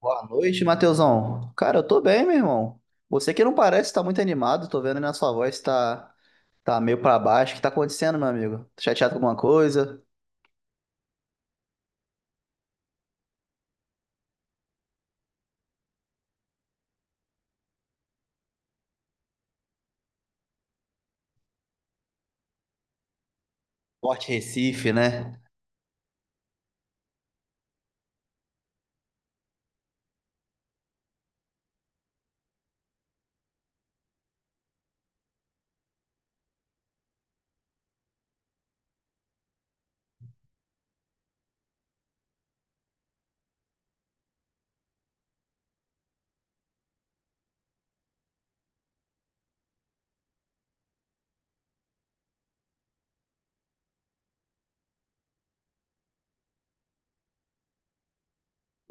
Boa noite, Matheusão. Cara, eu tô bem, meu irmão. Você que não parece tá muito animado, tô vendo aí na sua voz, tá meio pra baixo. O que tá acontecendo, meu amigo? Tá chateado com alguma coisa? Forte Recife, né?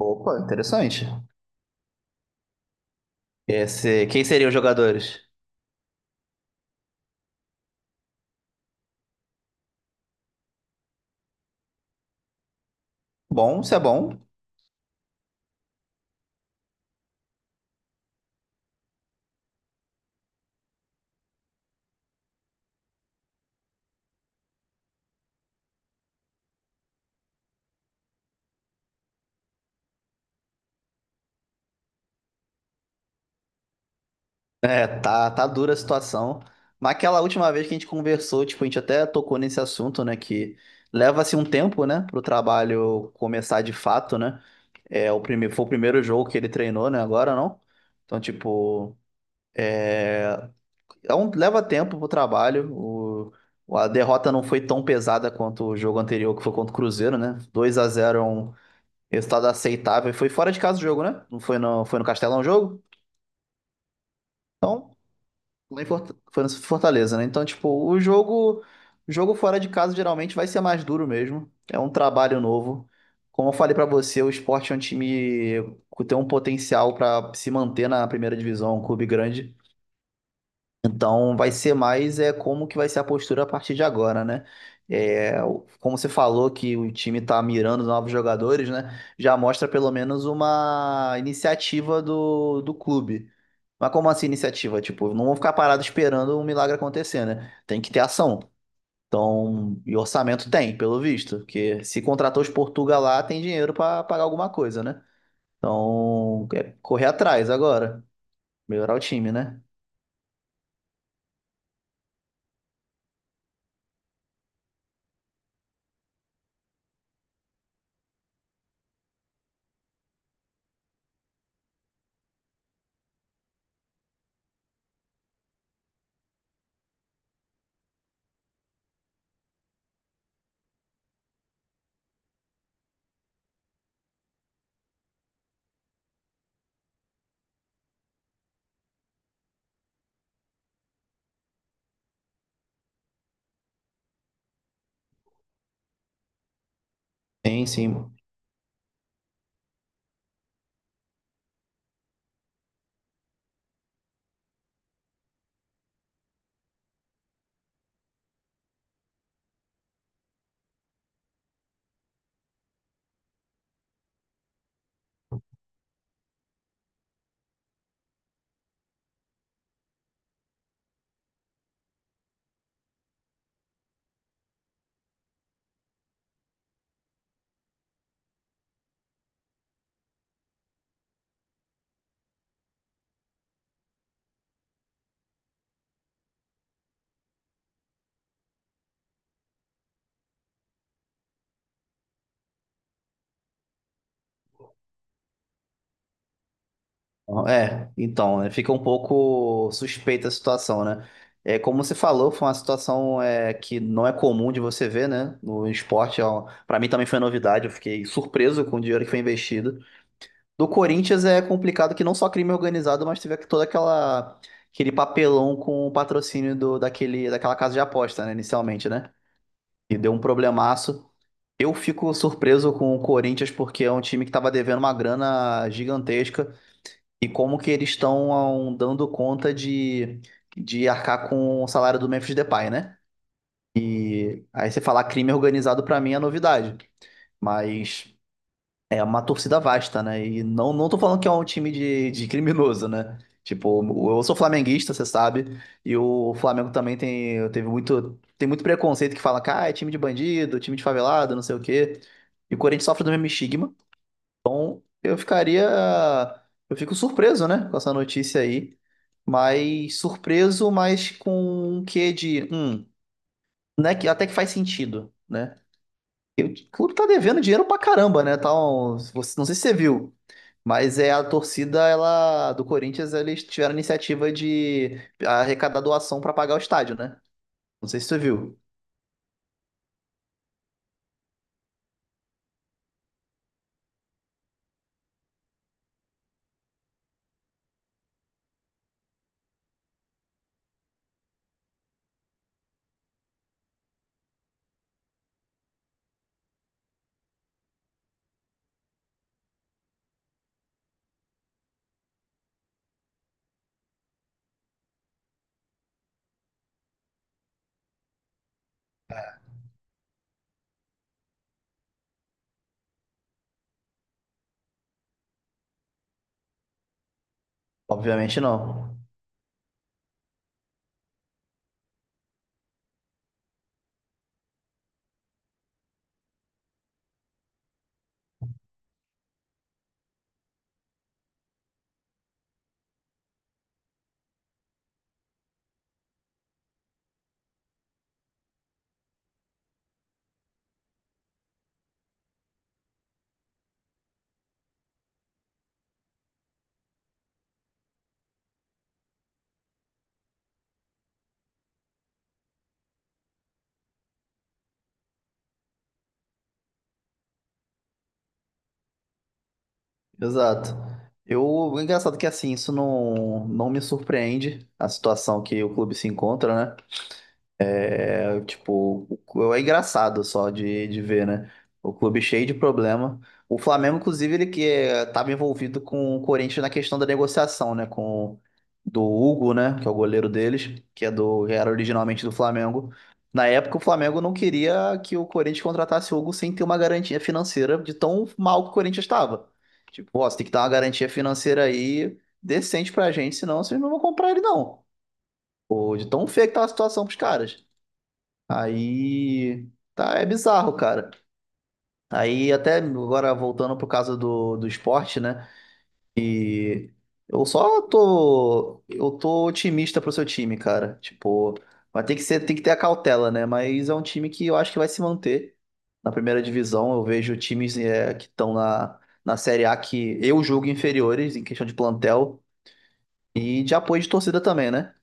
Opa, interessante. Quem seriam os jogadores? Bom, isso é bom. Tá dura a situação. Mas aquela última vez que a gente conversou, tipo, a gente até tocou nesse assunto, né? Que leva-se um tempo, né, pro trabalho começar de fato, né? Foi o primeiro jogo que ele treinou, né? Agora não. Então, tipo, é, leva tempo pro trabalho. A derrota não foi tão pesada quanto o jogo anterior, que foi contra o Cruzeiro, né? 2 a zero, é um resultado aceitável. Foi fora de casa o jogo, né? Foi no Castelão o jogo? Então, foi no Fortaleza, né? Então, tipo, o jogo fora de casa geralmente vai ser mais duro mesmo. É um trabalho novo. Como eu falei pra você, o Sport é um time que tem um potencial pra se manter na primeira divisão, um clube grande. Então vai ser mais é como que vai ser a postura a partir de agora, né? Como você falou que o time tá mirando novos jogadores, né? Já mostra pelo menos uma iniciativa do clube. Mas como assim iniciativa? Tipo, não vão ficar parados esperando um milagre acontecer, né? Tem que ter ação. Então, e orçamento tem, pelo visto, porque se contratou os Portuga lá, tem dinheiro pra pagar alguma coisa, né? Então, é correr atrás agora, melhorar o time, né? Sim, sim. É, então, né, fica um pouco suspeita a situação, né? É, como você falou, foi uma situação que não é comum de você ver, né? No esporte, para mim também foi novidade, eu fiquei surpreso com o dinheiro que foi investido. Do Corinthians é complicado que não só crime organizado, mas teve toda aquela aquele papelão com o patrocínio daquela casa de aposta, né, inicialmente, né? E deu um problemaço. Eu fico surpreso com o Corinthians porque é um time que estava devendo uma grana gigantesca. E como que eles estão dando conta de arcar com o salário do Memphis Depay, né? E aí você falar crime organizado pra mim é novidade, mas é uma torcida vasta, né? E não tô falando que é um time de criminoso, né? Tipo, eu sou flamenguista, você sabe, e o Flamengo também tem muito preconceito que fala que ah, é time de bandido, time de favelado, não sei o quê. E o Corinthians sofre do mesmo estigma. Eu ficaria. Eu fico surpreso, né, com essa notícia aí. Mas surpreso, mas com um quê de. Né, que até que faz sentido, né? E o clube tá devendo dinheiro pra caramba, né? Não sei se você viu, mas é a torcida ela do Corinthians, eles tiveram a iniciativa de arrecadar doação pra pagar o estádio, né? Não sei se você viu. Obviamente não. Exato. O engraçado é que assim, não me surpreende a situação que o clube se encontra, né? É, tipo, é engraçado só de ver, né? O clube cheio de problema. O Flamengo, inclusive, ele que estava envolvido com o Corinthians na questão da negociação, né? Com Do Hugo, né? Que é o goleiro deles, que é que era originalmente do Flamengo. Na época, o Flamengo não queria que o Corinthians contratasse o Hugo sem ter uma garantia financeira de tão mal que o Corinthians estava. Tipo, ó, você tem que dar uma garantia financeira aí decente pra gente, senão vocês não vão comprar ele, não. Pô, de tão feio que tá a situação pros caras. Aí, tá, é bizarro, cara. Aí, até agora voltando pro caso do esporte, né? E eu tô otimista pro seu time, cara. Tipo, vai ter que ser, tem que ter a cautela, né? Mas é um time que eu acho que vai se manter na primeira divisão. Eu vejo times que estão na Série A que eu julgo inferiores em questão de plantel e de apoio de torcida também, né?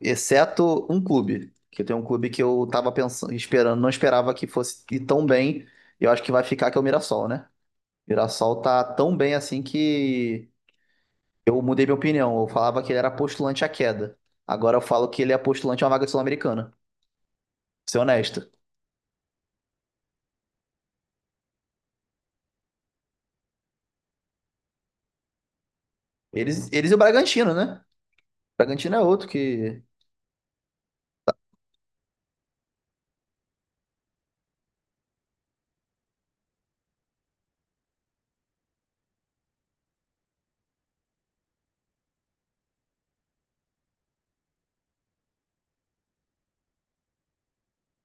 Exceto um clube, que tem um clube que eu tava pensando, esperando, não esperava que fosse ir tão bem. Eu acho que vai ficar que é o Mirassol, né? O Mirassol tá tão bem assim que eu mudei minha opinião. Eu falava que ele era postulante à queda. Agora eu falo que ele é postulante a uma vaga sul-americana. Ser honesto. Eles e o Bragantino, né? O Bragantino é outro que,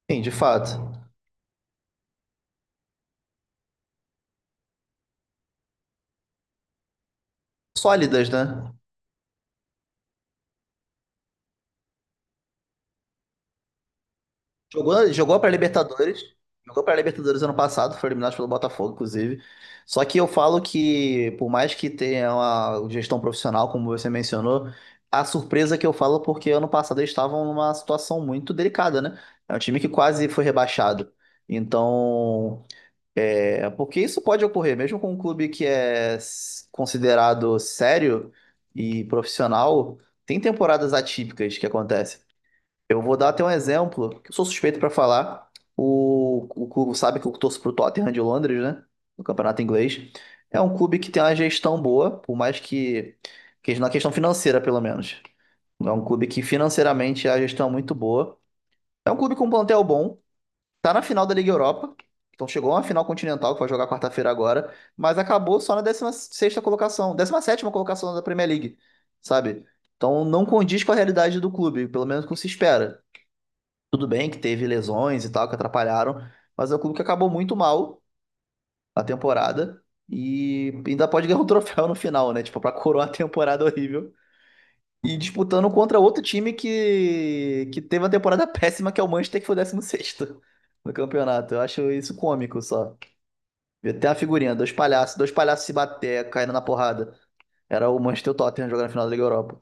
sim, de fato, sólidas, né? Jogou para Libertadores. Jogou para Libertadores ano passado, foi eliminado pelo Botafogo, inclusive. Só que eu falo que, por mais que tenha uma gestão profissional, como você mencionou, a surpresa que eu falo é porque ano passado eles estavam numa situação muito delicada, né? É um time que quase foi rebaixado. Então, é, porque isso pode ocorrer, mesmo com um clube que é s- considerado sério e profissional, tem temporadas atípicas que acontecem. Eu vou dar até um exemplo, que eu sou suspeito para falar. O clube sabe que eu torço pro Tottenham de Londres, né? No campeonato inglês. É um clube que tem uma gestão boa, que na questão financeira, pelo menos. É um clube que financeiramente a gestão é muito boa. É um clube com um plantel bom, tá na final da Liga Europa. Então chegou a uma final continental que vai jogar quarta-feira agora, mas acabou só na décima sexta colocação, décima sétima colocação da Premier League, sabe? Então não condiz com a realidade do clube, pelo menos com o que se espera. Tudo bem que teve lesões e tal que atrapalharam, mas é um clube que acabou muito mal a temporada e ainda pode ganhar um troféu no final, né? Tipo, pra coroar a temporada horrível. E disputando contra outro time que teve uma temporada péssima, que é o Manchester, que foi o décimo sexto no campeonato. Eu acho isso cômico só. Vi até a figurinha, dois palhaços se bater, caindo na porrada. Era o Manchester e o Tottenham jogando na final da Liga Europa.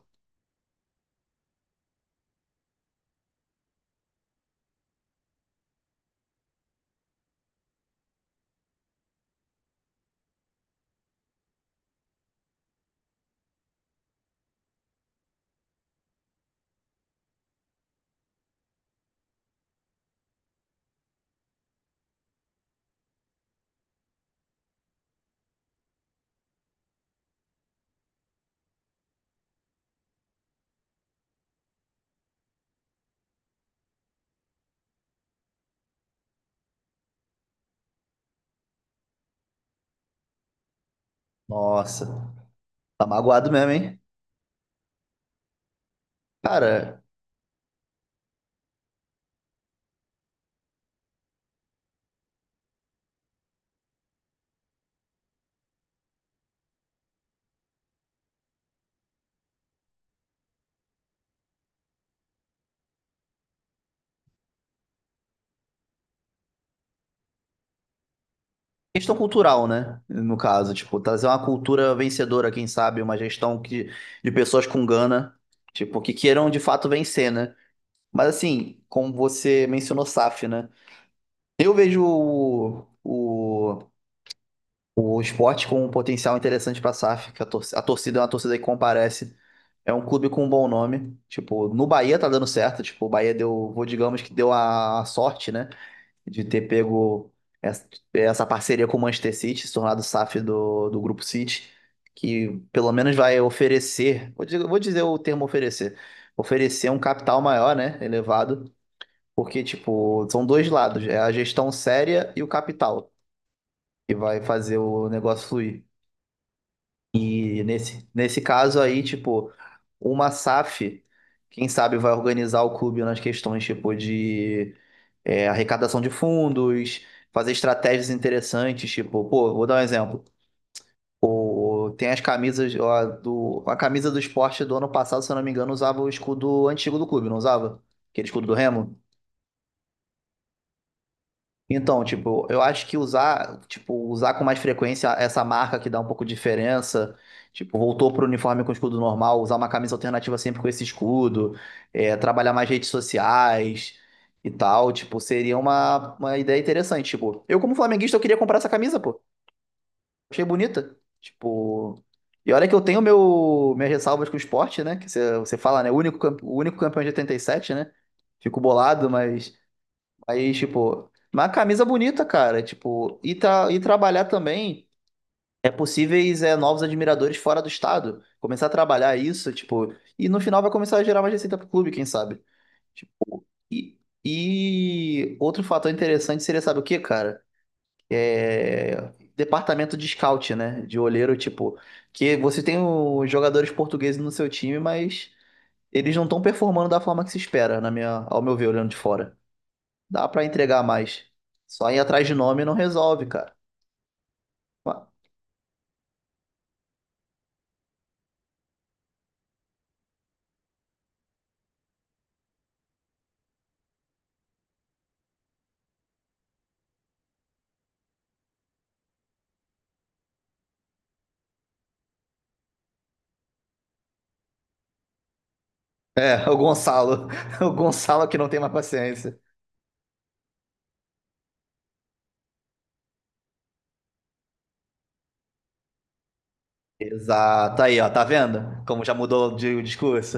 Nossa, tá magoado mesmo, hein? Cara, questão cultural, né? No caso, tipo, trazer uma cultura vencedora, quem sabe, uma gestão que, de pessoas com gana, tipo, que queiram de fato vencer, né? Mas assim, como você mencionou SAF, né? Eu vejo o esporte com um potencial interessante pra SAF, que a, tor- a torcida é uma torcida que comparece. É um clube com um bom nome. Tipo, no Bahia tá dando certo, tipo, o Bahia deu, vou digamos que deu a sorte, né? De ter pego essa parceria com o Manchester City, se tornado SAF do Grupo City, que pelo menos vai oferecer, vou dizer o termo oferecer, oferecer um capital maior, né, elevado, porque, tipo, são dois lados, é a gestão séria e o capital, que vai fazer o negócio fluir. E nesse caso aí, tipo, uma SAF, quem sabe vai organizar o clube nas questões, tipo, de arrecadação de fundos, fazer estratégias interessantes, tipo, pô, vou dar um exemplo. O- tem as camisas, ó, do, a camisa do esporte do ano passado, se eu não me engano, usava o escudo antigo do clube, não usava? Aquele escudo do Remo? Então, tipo, eu acho que usar com mais frequência essa marca que dá um pouco de diferença, tipo, voltou pro uniforme com escudo normal, usar uma camisa alternativa sempre com esse escudo, é, trabalhar mais redes sociais e tal, tipo, seria uma ideia interessante, tipo, eu como flamenguista eu queria comprar essa camisa, pô, achei bonita, tipo, e olha que eu tenho minhas ressalvas com o esporte, né, que você fala, né, o único, campe- o único campeão de 87, né, fico bolado, mas aí, tipo, uma camisa bonita, cara. Tipo, e trabalhar também possíveis novos admiradores fora do estado. Começar a trabalhar isso, tipo, e no final vai começar a gerar mais receita pro clube, quem sabe? Tipo, e, e outro fator interessante seria, sabe o quê, cara? É. Departamento de scout, né? De olheiro, tipo, que você tem os jogadores portugueses no seu time, mas eles não estão performando da forma que se espera, na minha, ao meu ver, olhando de fora. Dá pra entregar mais. Só ir atrás de nome não resolve, cara. É, o Gonçalo. O Gonçalo que não tem mais paciência. Exato. Aí, ó, tá vendo? Como já mudou de o discurso.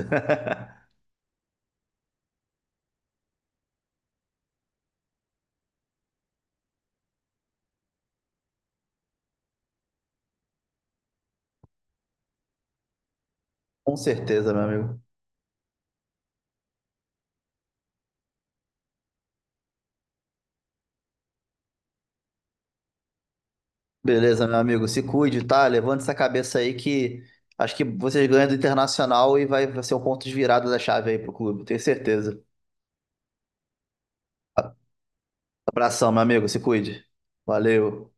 Com certeza, meu amigo. Beleza, meu amigo. Se cuide, tá? Levante essa cabeça aí que acho que vocês ganham do Internacional e vai ser um ponto de virada da chave aí pro clube. Tenho certeza. Abração, meu amigo. Se cuide. Valeu.